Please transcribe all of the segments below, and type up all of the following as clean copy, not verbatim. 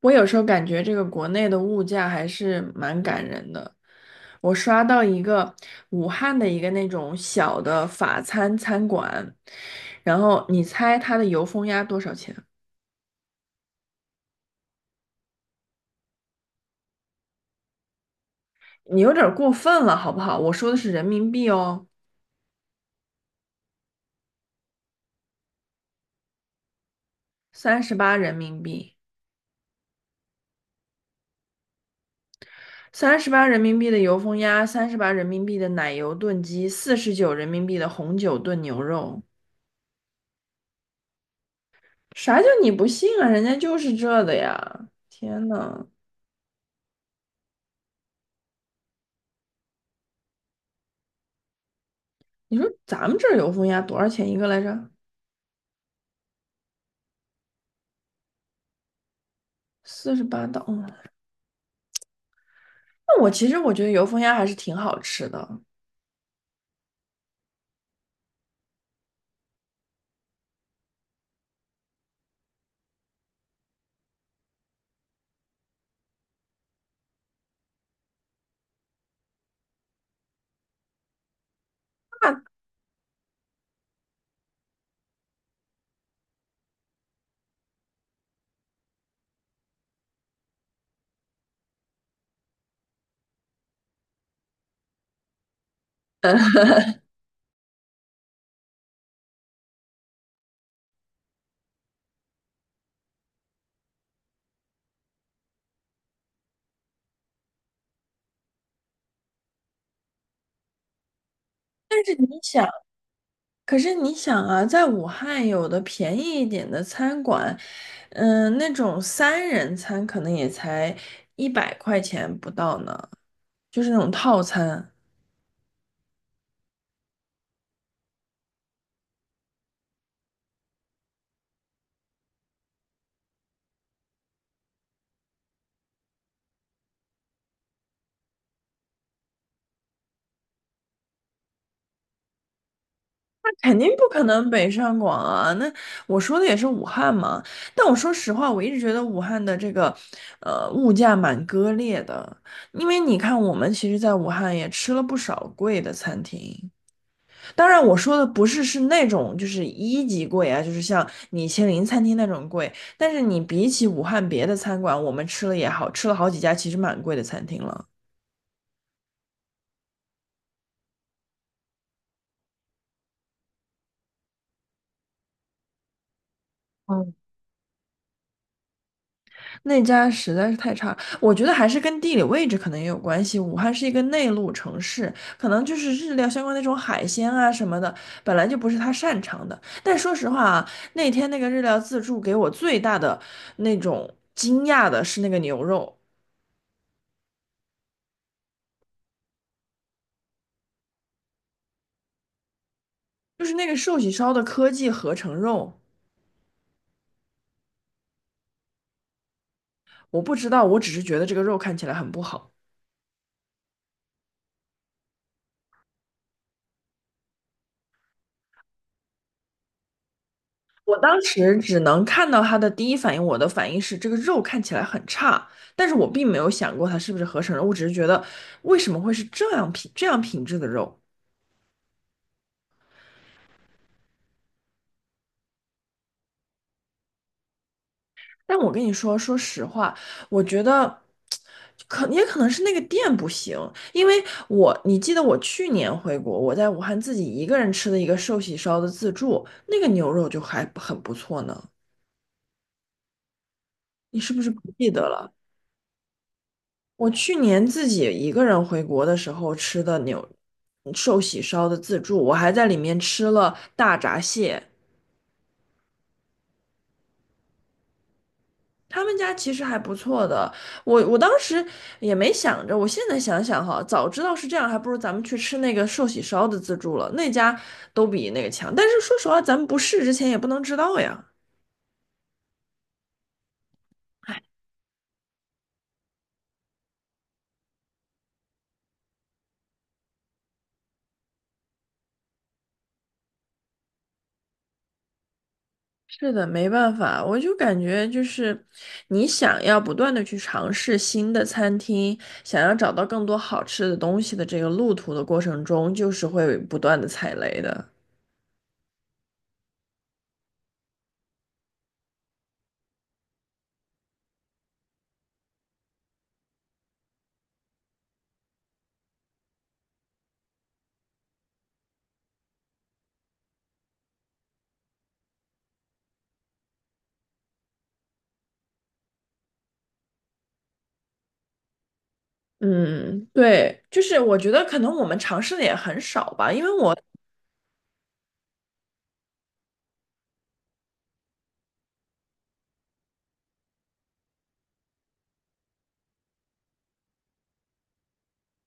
我有时候感觉这个国内的物价还是蛮感人的。我刷到一个武汉的一个那种小的法餐餐馆，然后你猜它的油封鸭多少钱？你有点儿过分了，好不好？我说的是人民币哦，三十八人民币，三十八人民币的油封鸭，三十八人民币的奶油炖鸡，四十九人民币的红酒炖牛肉。啥叫你不信啊？人家就是这的呀！天呐！你说咱们这儿油封鸭多少钱一个来着？四十八刀。嗯，那我其实觉得油封鸭还是挺好吃的。但是你想，可是你想啊，在武汉有的便宜一点的餐馆，那种三人餐可能也才一百块钱不到呢，就是那种套餐。肯定不可能北上广啊！那我说的也是武汉嘛。但我说实话，我一直觉得武汉的这个，物价蛮割裂的。因为你看，我们其实在武汉也吃了不少贵的餐厅。当然，我说的不是那种就是一级贵啊，就是像米其林餐厅那种贵。但是你比起武汉别的餐馆，我们吃了也好，吃了好几家其实蛮贵的餐厅了。嗯。那家实在是太差，我觉得还是跟地理位置可能也有关系。武汉是一个内陆城市，可能就是日料相关那种海鲜啊什么的，本来就不是他擅长的。但说实话啊，那天那个日料自助给我最大的那种惊讶的是那个牛肉，就是那个寿喜烧的科技合成肉。我不知道，我只是觉得这个肉看起来很不好。我当时只能看到他的第一反应，我的反应是这个肉看起来很差，但是我并没有想过它是不是合成肉，我只是觉得为什么会是这样品质的肉。但我跟你说，说实话，我觉得也可能是那个店不行，因为你记得我去年回国，我在武汉自己一个人吃的一个寿喜烧的自助，那个牛肉就还很不错呢。你是不是不记得了？我去年自己一个人回国的时候吃的寿喜烧的自助，我还在里面吃了大闸蟹。他们家其实还不错的，我当时也没想着，我现在想想哈，早知道是这样，还不如咱们去吃那个寿喜烧的自助了，那家都比那个强。但是说实话，咱们不试之前也不能知道呀。是的，没办法，我就感觉就是你想要不断的去尝试新的餐厅，想要找到更多好吃的东西的这个路途的过程中，就是会不断的踩雷的。嗯，对，就是我觉得可能我们尝试的也很少吧，因为我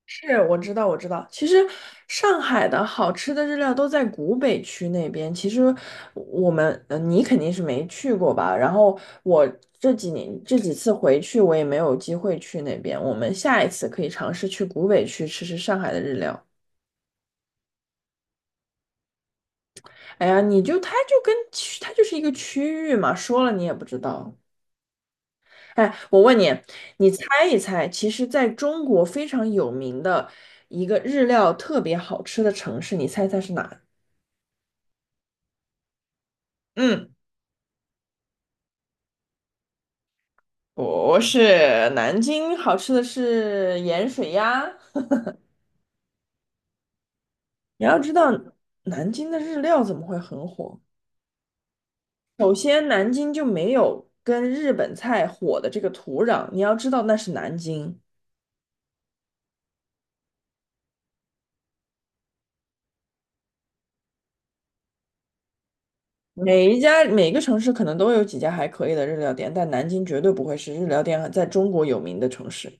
是，我知道，我知道。其实上海的好吃的日料都在古北区那边。其实我们，你肯定是没去过吧？然后我这几年这几次回去，我也没有机会去那边。我们下一次可以尝试去古北区吃吃上海的日料。哎呀，你就它就是一个区域嘛，说了你也不知道。哎，我问你，你猜一猜，其实在中国非常有名的一个日料特别好吃的城市，你猜猜是哪？嗯。不是南京好吃的是盐水鸭。你要知道，南京的日料怎么会很火？首先，南京就没有跟日本菜火的这个土壤。你要知道，那是南京。每一家每个城市可能都有几家还可以的日料店，但南京绝对不会是日料店在中国有名的城市。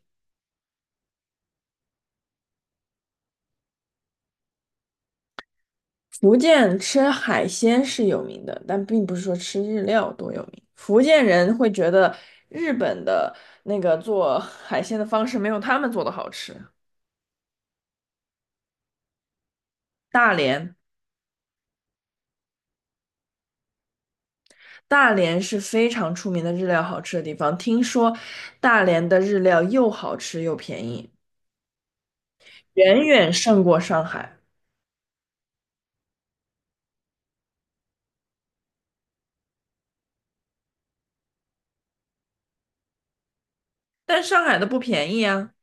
福建吃海鲜是有名的，但并不是说吃日料多有名。福建人会觉得日本的那个做海鲜的方式没有他们做的好吃。大连，大连是非常出名的日料好吃的地方，听说大连的日料又好吃又便宜，远远胜过上海。但上海的不便宜啊，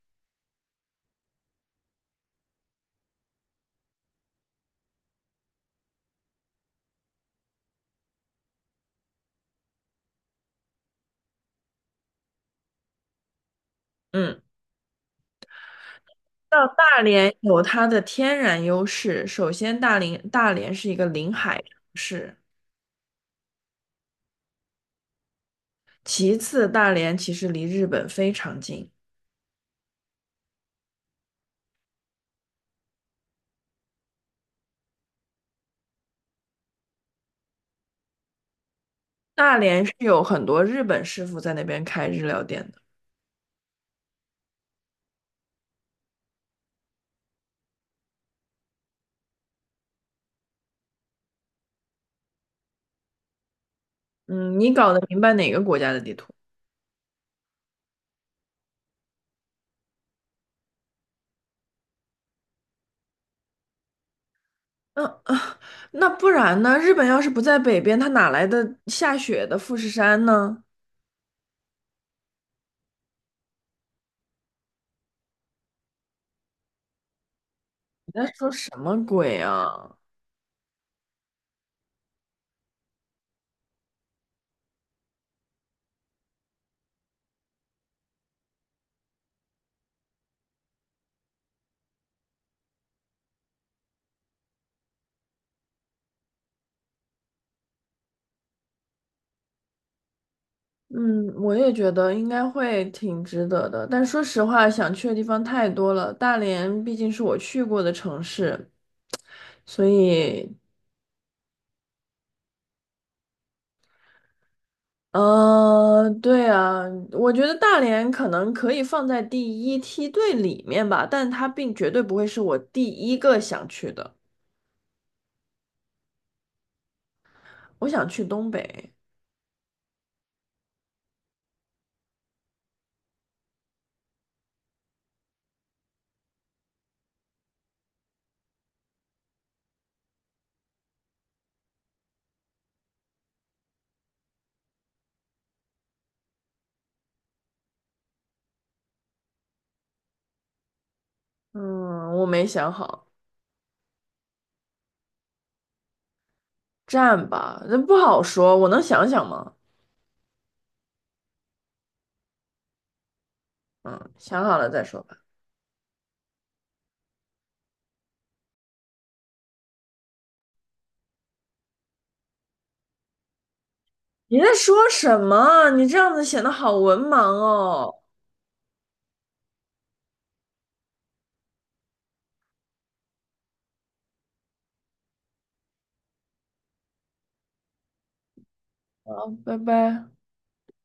嗯。到大连有它的天然优势，首先大连是一个临海城市。其次，大连其实离日本非常近，大连是有很多日本师傅在那边开日料店的。嗯，你搞得明白哪个国家的地图？嗯啊，那不然呢？日本要是不在北边，它哪来的下雪的富士山呢？你在说什么鬼啊？嗯，我也觉得应该会挺值得的，但说实话，想去的地方太多了。大连毕竟是我去过的城市，所以嗯，对啊，我觉得大连可能可以放在第一梯队里面吧，但它并绝对不会是我第一个想去的。我想去东北，嗯，我没想好，站吧，那不好说，我能想想吗？嗯，想好了再说吧。你在说什么？你这样子显得好文盲哦。好，拜拜。